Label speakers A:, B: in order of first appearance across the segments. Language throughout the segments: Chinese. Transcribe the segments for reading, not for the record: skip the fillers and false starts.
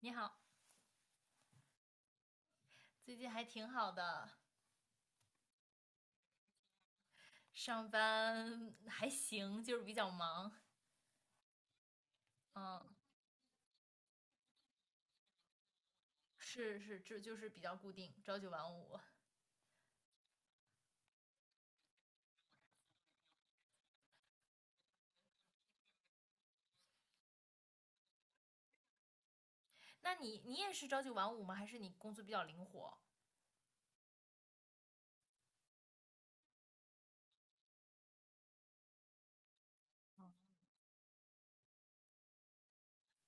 A: 你好，最近还挺好的，上班还行，就是比较忙。嗯，是是，这就是比较固定，朝九晚五。那你也是朝九晚五吗？还是你工作比较灵活？嗯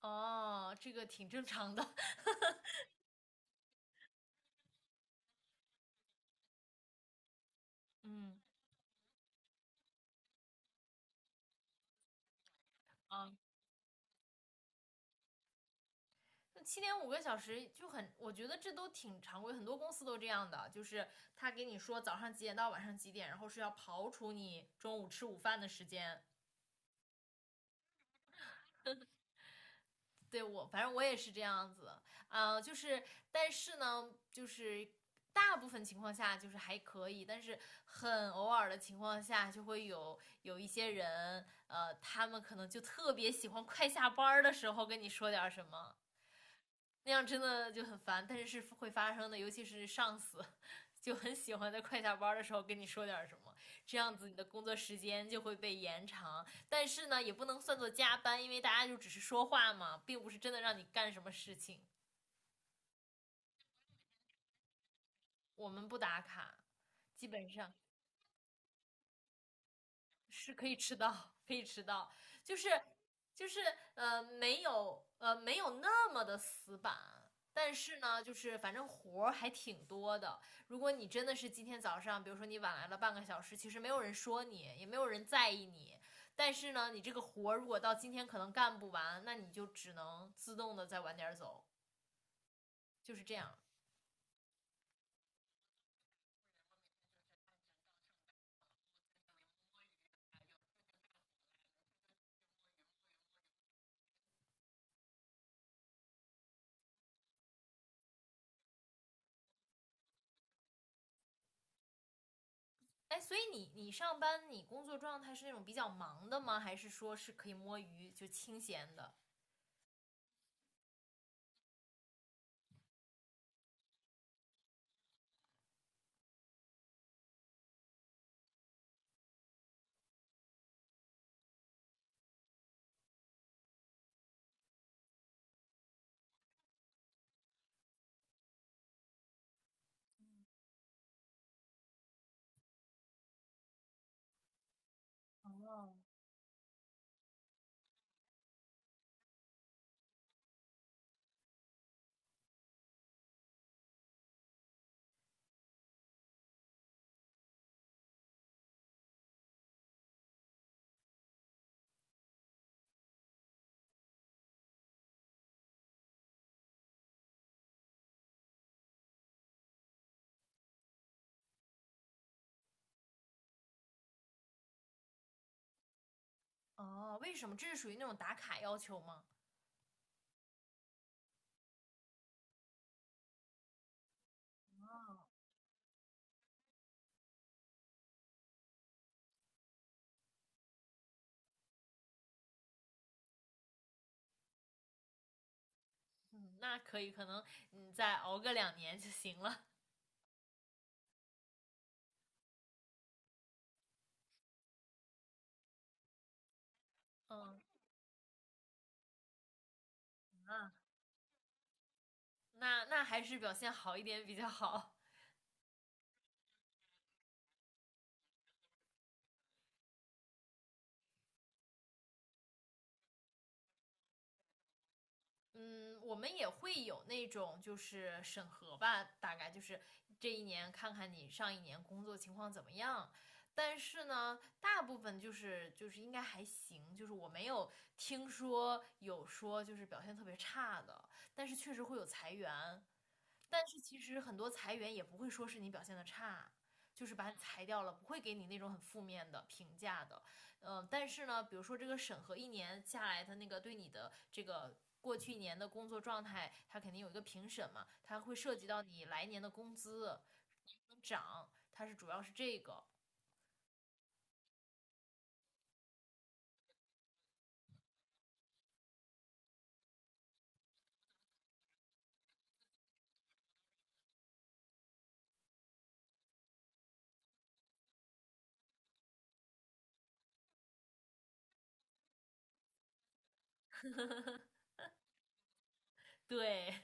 A: 哦，这个挺正常的。嗯啊，那7.5个小时就很，我觉得这都挺常规，很多公司都这样的，就是他给你说早上几点到晚上几点，然后是要刨除你中午吃午饭的时间，对我，反正我也是这样子，就是，但是呢，就是大部分情况下就是还可以，但是很偶尔的情况下，就会有一些人，他们可能就特别喜欢快下班的时候跟你说点什么，那样真的就很烦，但是是会发生的，尤其是上司 就很喜欢在快下班的时候跟你说点什么，这样子你的工作时间就会被延长，但是呢也不能算作加班，因为大家就只是说话嘛，并不是真的让你干什么事情。我们不打卡，基本上是可以迟到，可以迟到，就是就是没有那么的死板，但是呢，就是反正活儿还挺多的。如果你真的是今天早上，比如说你晚来了半个小时，其实没有人说你，也没有人在意你，但是呢，你这个活儿如果到今天可能干不完，那你就只能自动的再晚点儿走，就是这样。哎，所以你上班你工作状态是那种比较忙的吗？还是说是可以摸鱼就清闲的？哦，哦，为什么？这是属于那种打卡要求吗？嗯，那可以，可能你再熬个2年就行了。嗯啊，那还是表现好一点比较好。嗯，我们也会有那种就是审核吧，大概就是这一年看看你上一年工作情况怎么样。但是呢，大部分就是应该还行，就是我没有听说有说就是表现特别差的，但是确实会有裁员。但是其实很多裁员也不会说是你表现的差，就是把你裁掉了，不会给你那种很负面的评价的。嗯，但是呢，比如说这个审核一年下来，他那个对你的这个。过去一年的工作状态，他肯定有一个评审嘛，他会涉及到你来年的工资能涨，它是主要是这个。对，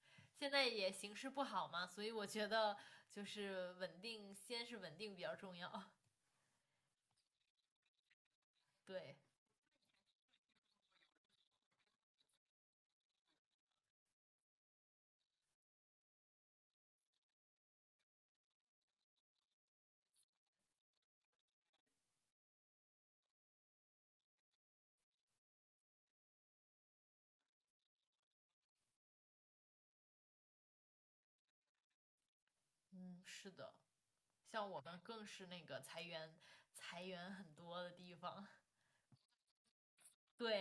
A: 现在也形势不好嘛，所以我觉得就是稳定，先是稳定比较重要。对，嗯，是的。像我们更是那个裁员很多的地方。对，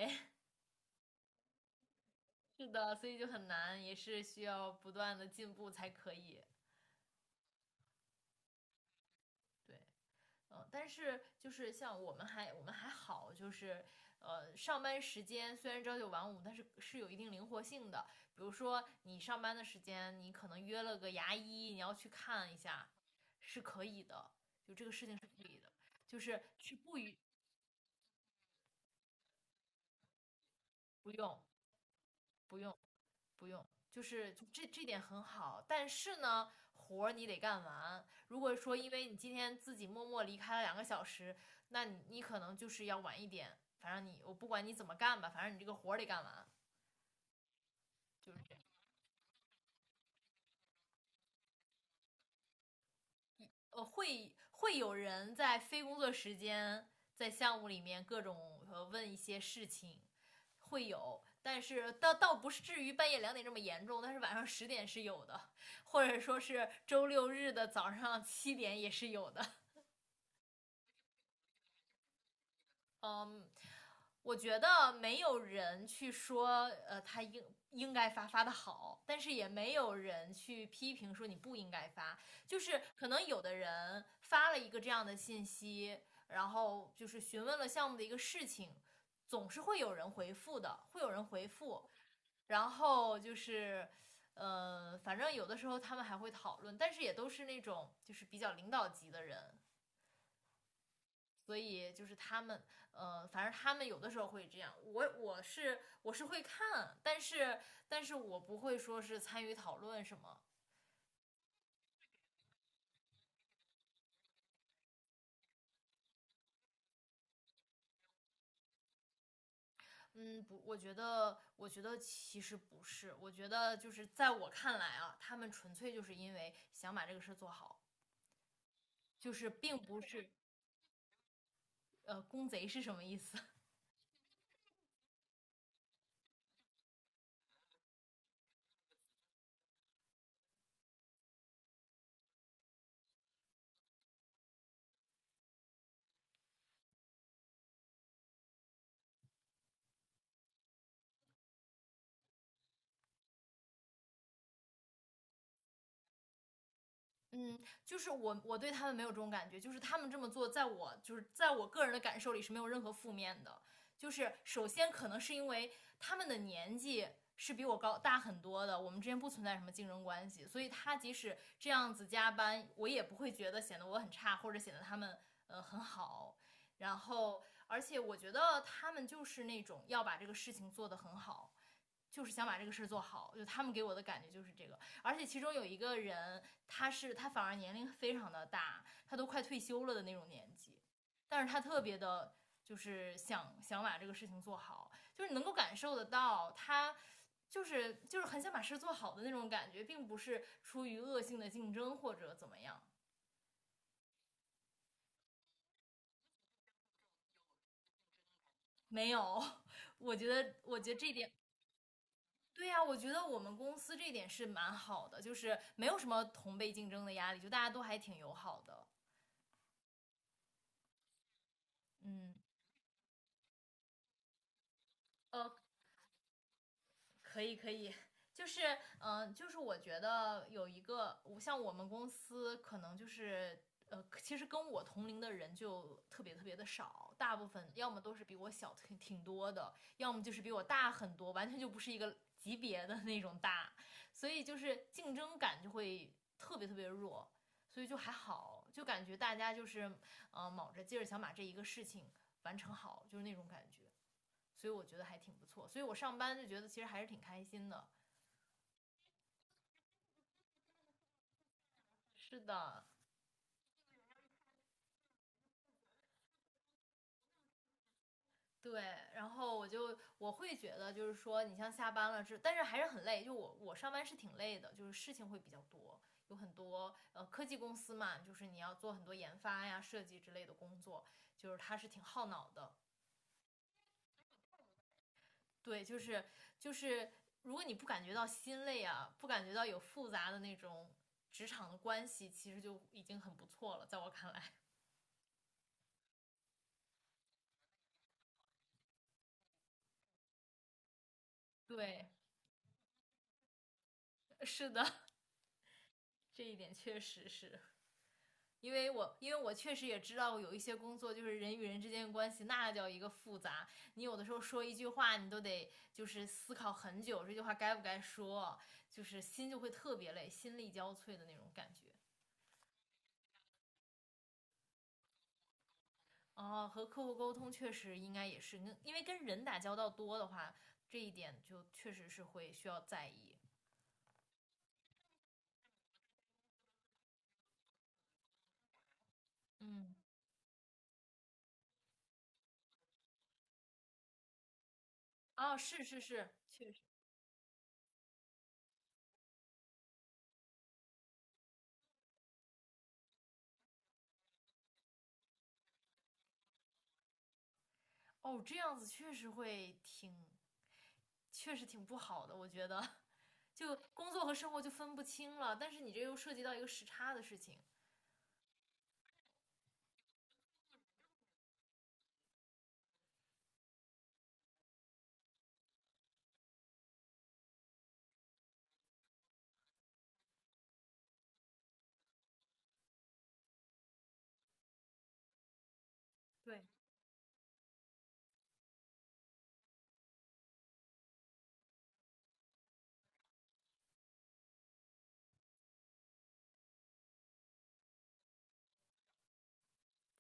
A: 是的，所以就很难，也是需要不断的进步才可以。对，嗯，但是就是像我们还好，就是上班时间虽然朝九晚五，但是是有一定灵活性的。比如说你上班的时间，你可能约了个牙医，你要去看一下，是可以的，就这个事情是可以的，就是去不予不用不用，不用，就是这点很好，但是呢，活儿你得干完。如果说因为你今天自己默默离开了2个小时，那你可能就是要晚一点。反正你我不管你怎么干吧，反正你这个活儿得干完，就是这样。会有人在非工作时间在项目里面各种问一些事情，会有，但是倒不是至于半夜2点这么严重，但是晚上10点是有的，或者说是周六日的早上七点也是有的。嗯，我觉得没有人去说，他应该发的好，但是也没有人去批评说你不应该发。就是可能有的人发了一个这样的信息，然后就是询问了项目的一个事情，总是会有人回复的，会有人回复。然后就是，反正有的时候他们还会讨论，但是也都是那种就是比较领导级的人。所以就是他们，反正他们有的时候会这样。我是会看，但是我不会说是参与讨论什么。嗯，不，我觉得其实不是，我觉得就是在我看来啊，他们纯粹就是因为想把这个事做好，就是并不是 公贼是什么意思？嗯，就是我对他们没有这种感觉，就是他们这么做，在我就是在我个人的感受里是没有任何负面的。就是首先可能是因为他们的年纪是比我高大很多的，我们之间不存在什么竞争关系，所以他即使这样子加班，我也不会觉得显得我很差，或者显得他们很好。然后，而且我觉得他们就是那种要把这个事情做得很好，就是想把这个事儿做好，就他们给我的感觉就是这个。而且其中有一个人，他反而年龄非常的大，他都快退休了的那种年纪，但是他特别的，就是想把这个事情做好，就是你能够感受得到他。就是很想把事做好的那种感觉，并不是出于恶性的竞争或者怎么样，没有。我觉得这点对呀、我觉得我们公司这点是蛮好的，就是没有什么同辈竞争的压力，就大家都还挺友好的。嗯，呃，可以可以，就是就是我觉得有一个，像我们公司可能就是。其实跟我同龄的人就特别特别的少，大部分要么都是比我小挺多的，要么就是比我大很多，完全就不是一个级别的那种大，所以就是竞争感就会特别特别弱，所以就还好，就感觉大家就是卯着劲儿想把这一个事情完成好，就是那种感觉。所以我觉得还挺不错。所以我上班就觉得其实还是挺开心的。是的，对。然后我会觉得就是说，你像下班了是，但是还是很累。就我上班是挺累的，就是事情会比较多，有很多科技公司嘛，就是你要做很多研发呀、设计之类的工作，就是它是挺耗脑的。对，就是，如果你不感觉到心累啊，不感觉到有复杂的那种职场的关系，其实就已经很不错了，在我看来。对，是的，这一点确实是因为我确实也知道有一些工作就是人与人之间的关系，那叫一个复杂。你有的时候说一句话，你都得就是思考很久，这句话该不该说，就是心就会特别累，心力交瘁的那种感觉。哦，和客户沟通确实应该也是因为跟人打交道多的话，这一点就确实是会需要在意。嗯，哦，是是是，确实，哦，这样子确实会挺，确实挺不好的，我觉得。就工作和生活就分不清了。但是你这又涉及到一个时差的事情。对，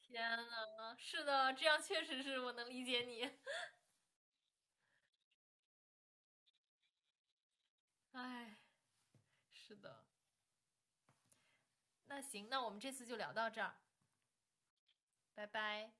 A: 天呐，是的，这样确实是我能理解你。哎，是的。那行，那我们这次就聊到这儿，拜拜。